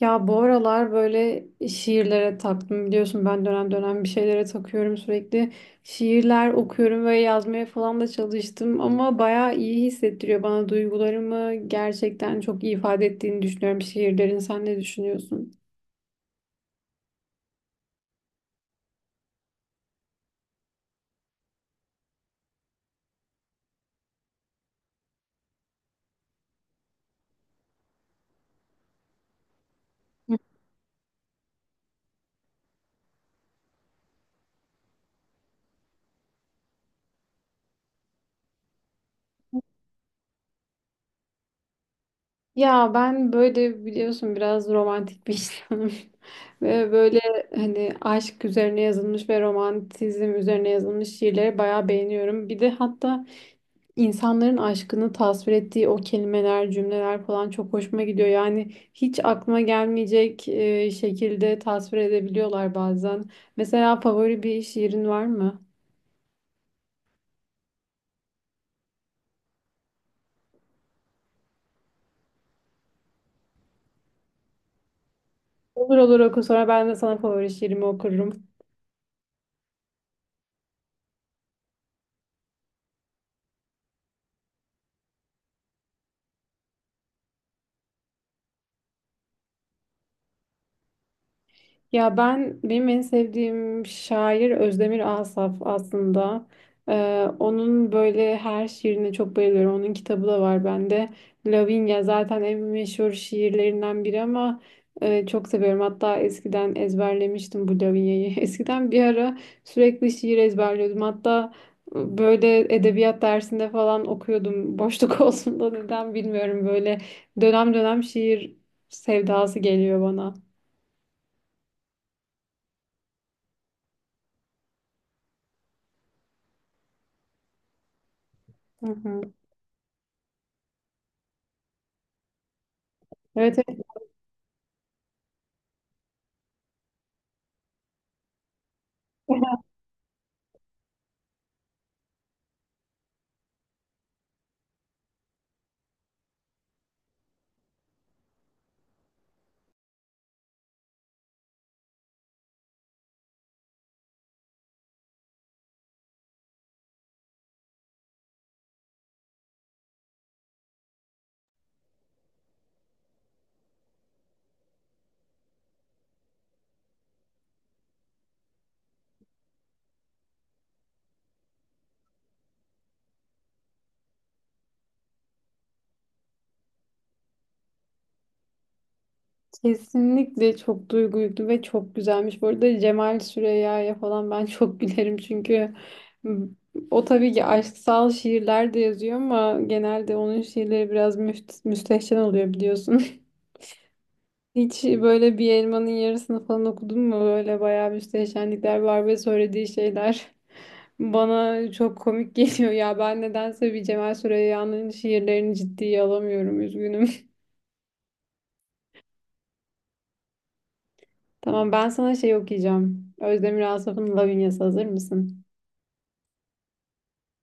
Ya bu aralar böyle şiirlere taktım biliyorsun ben dönem dönem bir şeylere takıyorum sürekli. Şiirler okuyorum ve yazmaya falan da çalıştım ama bayağı iyi hissettiriyor bana duygularımı gerçekten çok iyi ifade ettiğini düşünüyorum şiirlerin. Sen ne düşünüyorsun? Ya ben böyle biliyorsun biraz romantik bir insanım. Ve böyle hani aşk üzerine yazılmış ve romantizm üzerine yazılmış şiirleri bayağı beğeniyorum. Bir de hatta İnsanların aşkını tasvir ettiği o kelimeler, cümleler falan çok hoşuma gidiyor. Yani hiç aklıma gelmeyecek şekilde tasvir edebiliyorlar bazen. Mesela favori bir şiirin var mı? Olur olur, oku, sonra ben de sana favori şiirimi okurum. Ya ben benim en sevdiğim şair Özdemir Asaf aslında. Onun böyle her şiirine çok bayılıyorum. Onun kitabı da var bende. Lavinia zaten en meşhur şiirlerinden biri ama çok seviyorum. Hatta eskiden ezberlemiştim bu Lavinia'yı. Eskiden bir ara sürekli şiir ezberliyordum. Hatta böyle edebiyat dersinde falan okuyordum. Boşluk olsun da neden bilmiyorum. Böyle dönem dönem şiir sevdası geliyor bana. Hı hı. Evet, evet. Kesinlikle çok duygu yüklü ve çok güzelmiş. Bu arada Cemal Süreyya'ya falan ben çok gülerim çünkü o tabii ki aşksal şiirler de yazıyor ama genelde onun şiirleri biraz müstehcen oluyor biliyorsun. Hiç böyle bir elmanın yarısını falan okudun mu? Böyle bayağı müstehcenlikler var ve söylediği şeyler bana çok komik geliyor ya. Ben nedense bir Cemal Süreyya'nın şiirlerini ciddiye alamıyorum. Üzgünüm. Tamam, ben sana şey okuyacağım. Özdemir Asaf'ın Lavinya'sı, hazır mısın?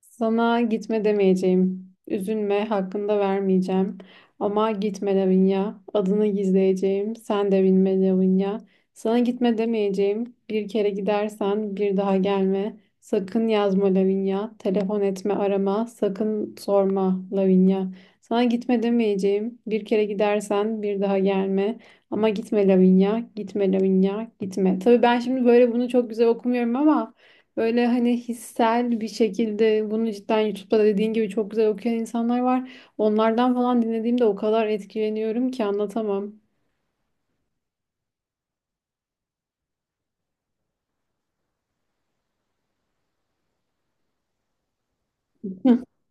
Sana gitme demeyeceğim. Üzülme, hakkında vermeyeceğim. Ama gitme Lavinia. Adını gizleyeceğim. Sen de bilme Lavinia. Sana gitme demeyeceğim. Bir kere gidersen bir daha gelme. Sakın yazma Lavinia. Telefon etme, arama. Sakın sorma Lavinia. Sana gitme demeyeceğim. Bir kere gidersen bir daha gelme. Ama gitme Lavinia. Gitme Lavinia. Gitme. Tabii ben şimdi böyle bunu çok güzel okumuyorum ama böyle hani hissel bir şekilde bunu cidden YouTube'da dediğin gibi çok güzel okuyan insanlar var. Onlardan falan dinlediğimde o kadar etkileniyorum ki anlatamam.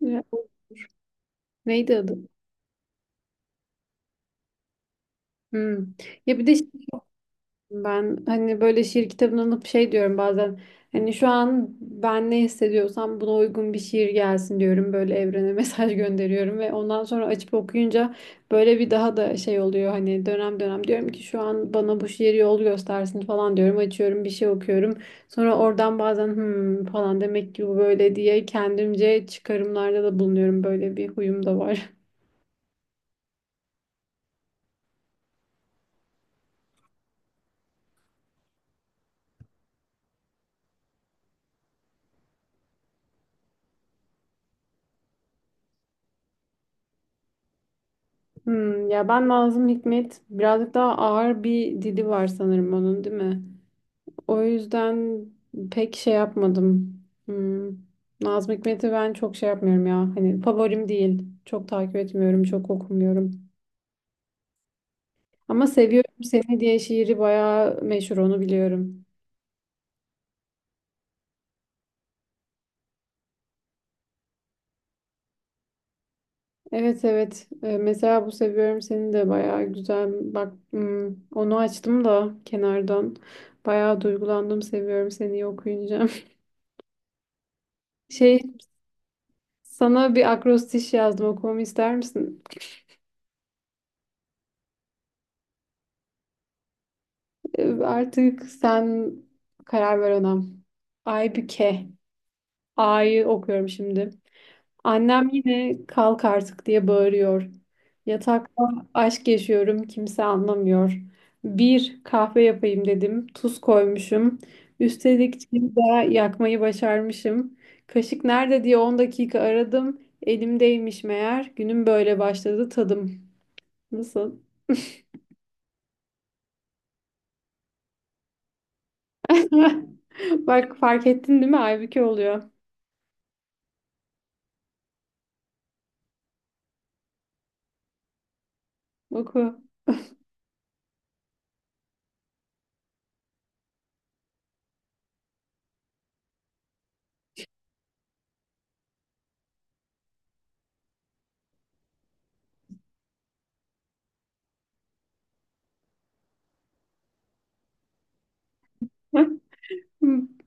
Ya, neydi adı? Hmm. Ya bir de ben hani böyle şiir kitabını alıp şey diyorum bazen, hani şu an ben ne hissediyorsam buna uygun bir şiir gelsin diyorum, böyle evrene mesaj gönderiyorum ve ondan sonra açıp okuyunca böyle bir daha da şey oluyor, hani dönem dönem diyorum ki şu an bana bu şiir yol göstersin falan diyorum, açıyorum bir şey okuyorum, sonra oradan bazen hmm falan demek ki bu böyle diye kendimce çıkarımlarda da bulunuyorum, böyle bir huyum da var. Hmm, ya ben Nazım Hikmet birazcık daha ağır bir dili var sanırım onun, değil mi? O yüzden pek şey yapmadım. Hmm. Nazım Hikmet'i ben çok şey yapmıyorum ya. Hani favorim değil. Çok takip etmiyorum, çok okumuyorum. Ama Seviyorum Seni diye şiiri bayağı meşhur, onu biliyorum. Evet, evet. Mesela bu Seviyorum Seni de bayağı güzel. Bak hmm, onu açtım da kenardan. Bayağı duygulandım Seviyorum Seni okuyunca. Şey, sana bir akrostiş yazdım, okumamı ister misin? Artık sen karar ver ona. Aybüke. A'yı okuyorum şimdi. Annem yine kalk artık diye bağırıyor. Yatakta aşk yaşıyorum kimse anlamıyor. Bir kahve yapayım dedim. Tuz koymuşum. Üstelik çayı da yakmayı başarmışım. Kaşık nerede diye 10 dakika aradım. Elimdeymiş meğer. Günüm böyle başladı tadım. Nasıl? Bak fark ettin değil mi? Aybüke oluyor. Oku.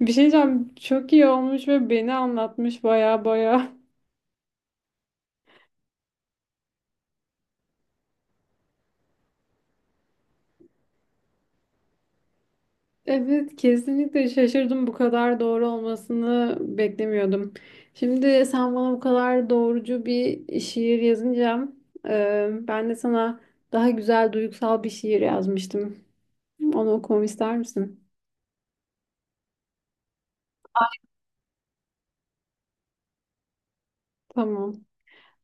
Bir şey diyeceğim. Çok iyi olmuş ve beni anlatmış baya baya. Evet, kesinlikle şaşırdım. Bu kadar doğru olmasını beklemiyordum. Şimdi sen bana bu kadar doğrucu bir şiir yazınca ben de sana daha güzel duygusal bir şiir yazmıştım. Onu okumamı ister misin? Tamam.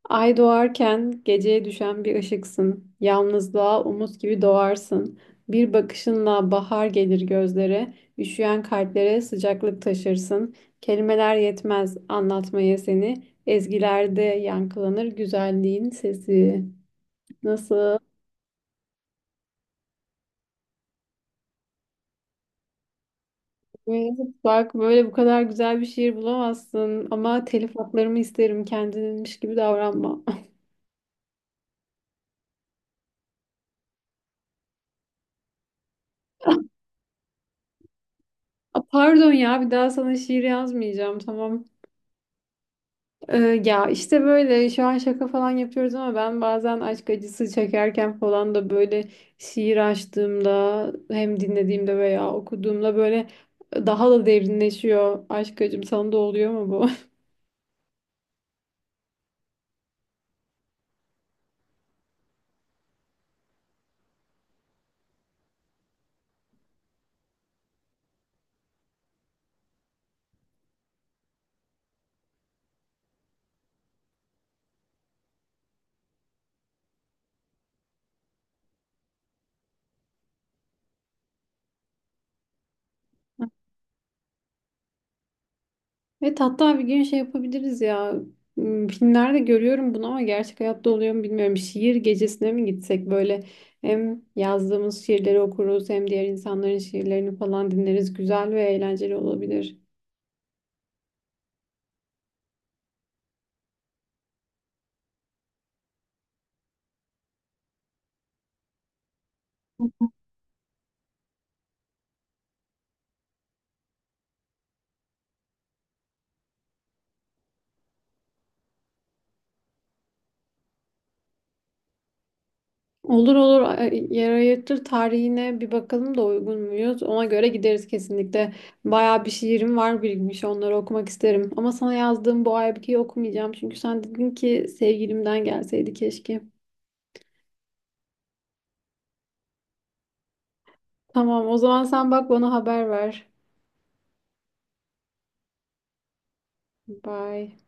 Ay doğarken geceye düşen bir ışıksın. Yalnızlığa umut gibi doğarsın. Bir bakışınla bahar gelir gözlere, üşüyen kalplere sıcaklık taşırsın. Kelimeler yetmez anlatmaya seni. Ezgilerde yankılanır güzelliğin sesi. Nasıl? Bak böyle bu kadar güzel bir şiir bulamazsın, ama telif haklarımı isterim, kendinmiş gibi davranma. Aa, pardon ya, bir daha sana şiir yazmayacağım tamam. Ya işte böyle şu an şaka falan yapıyoruz ama ben bazen aşk acısı çekerken falan da böyle şiir açtığımda hem dinlediğimde veya okuduğumda böyle daha da derinleşiyor aşk acım, sana da oluyor mu bu? Evet, hatta bir gün şey yapabiliriz ya. Hmm, filmlerde görüyorum bunu ama gerçek hayatta oluyor mu bilmiyorum, şiir gecesine mi gitsek, böyle hem yazdığımız şiirleri okuruz hem diğer insanların şiirlerini falan dinleriz, güzel ve eğlenceli olabilir. Olur olur, yer ayırtır tarihine bir bakalım da uygun muyuz? Ona göre gideriz kesinlikle. Bayağı bir şiirim var birikmiş, onları okumak isterim. Ama sana yazdığım bu aybükeyi okumayacağım. Çünkü sen dedin ki sevgilimden gelseydi keşke. Tamam, o zaman sen bak bana haber ver. Bye.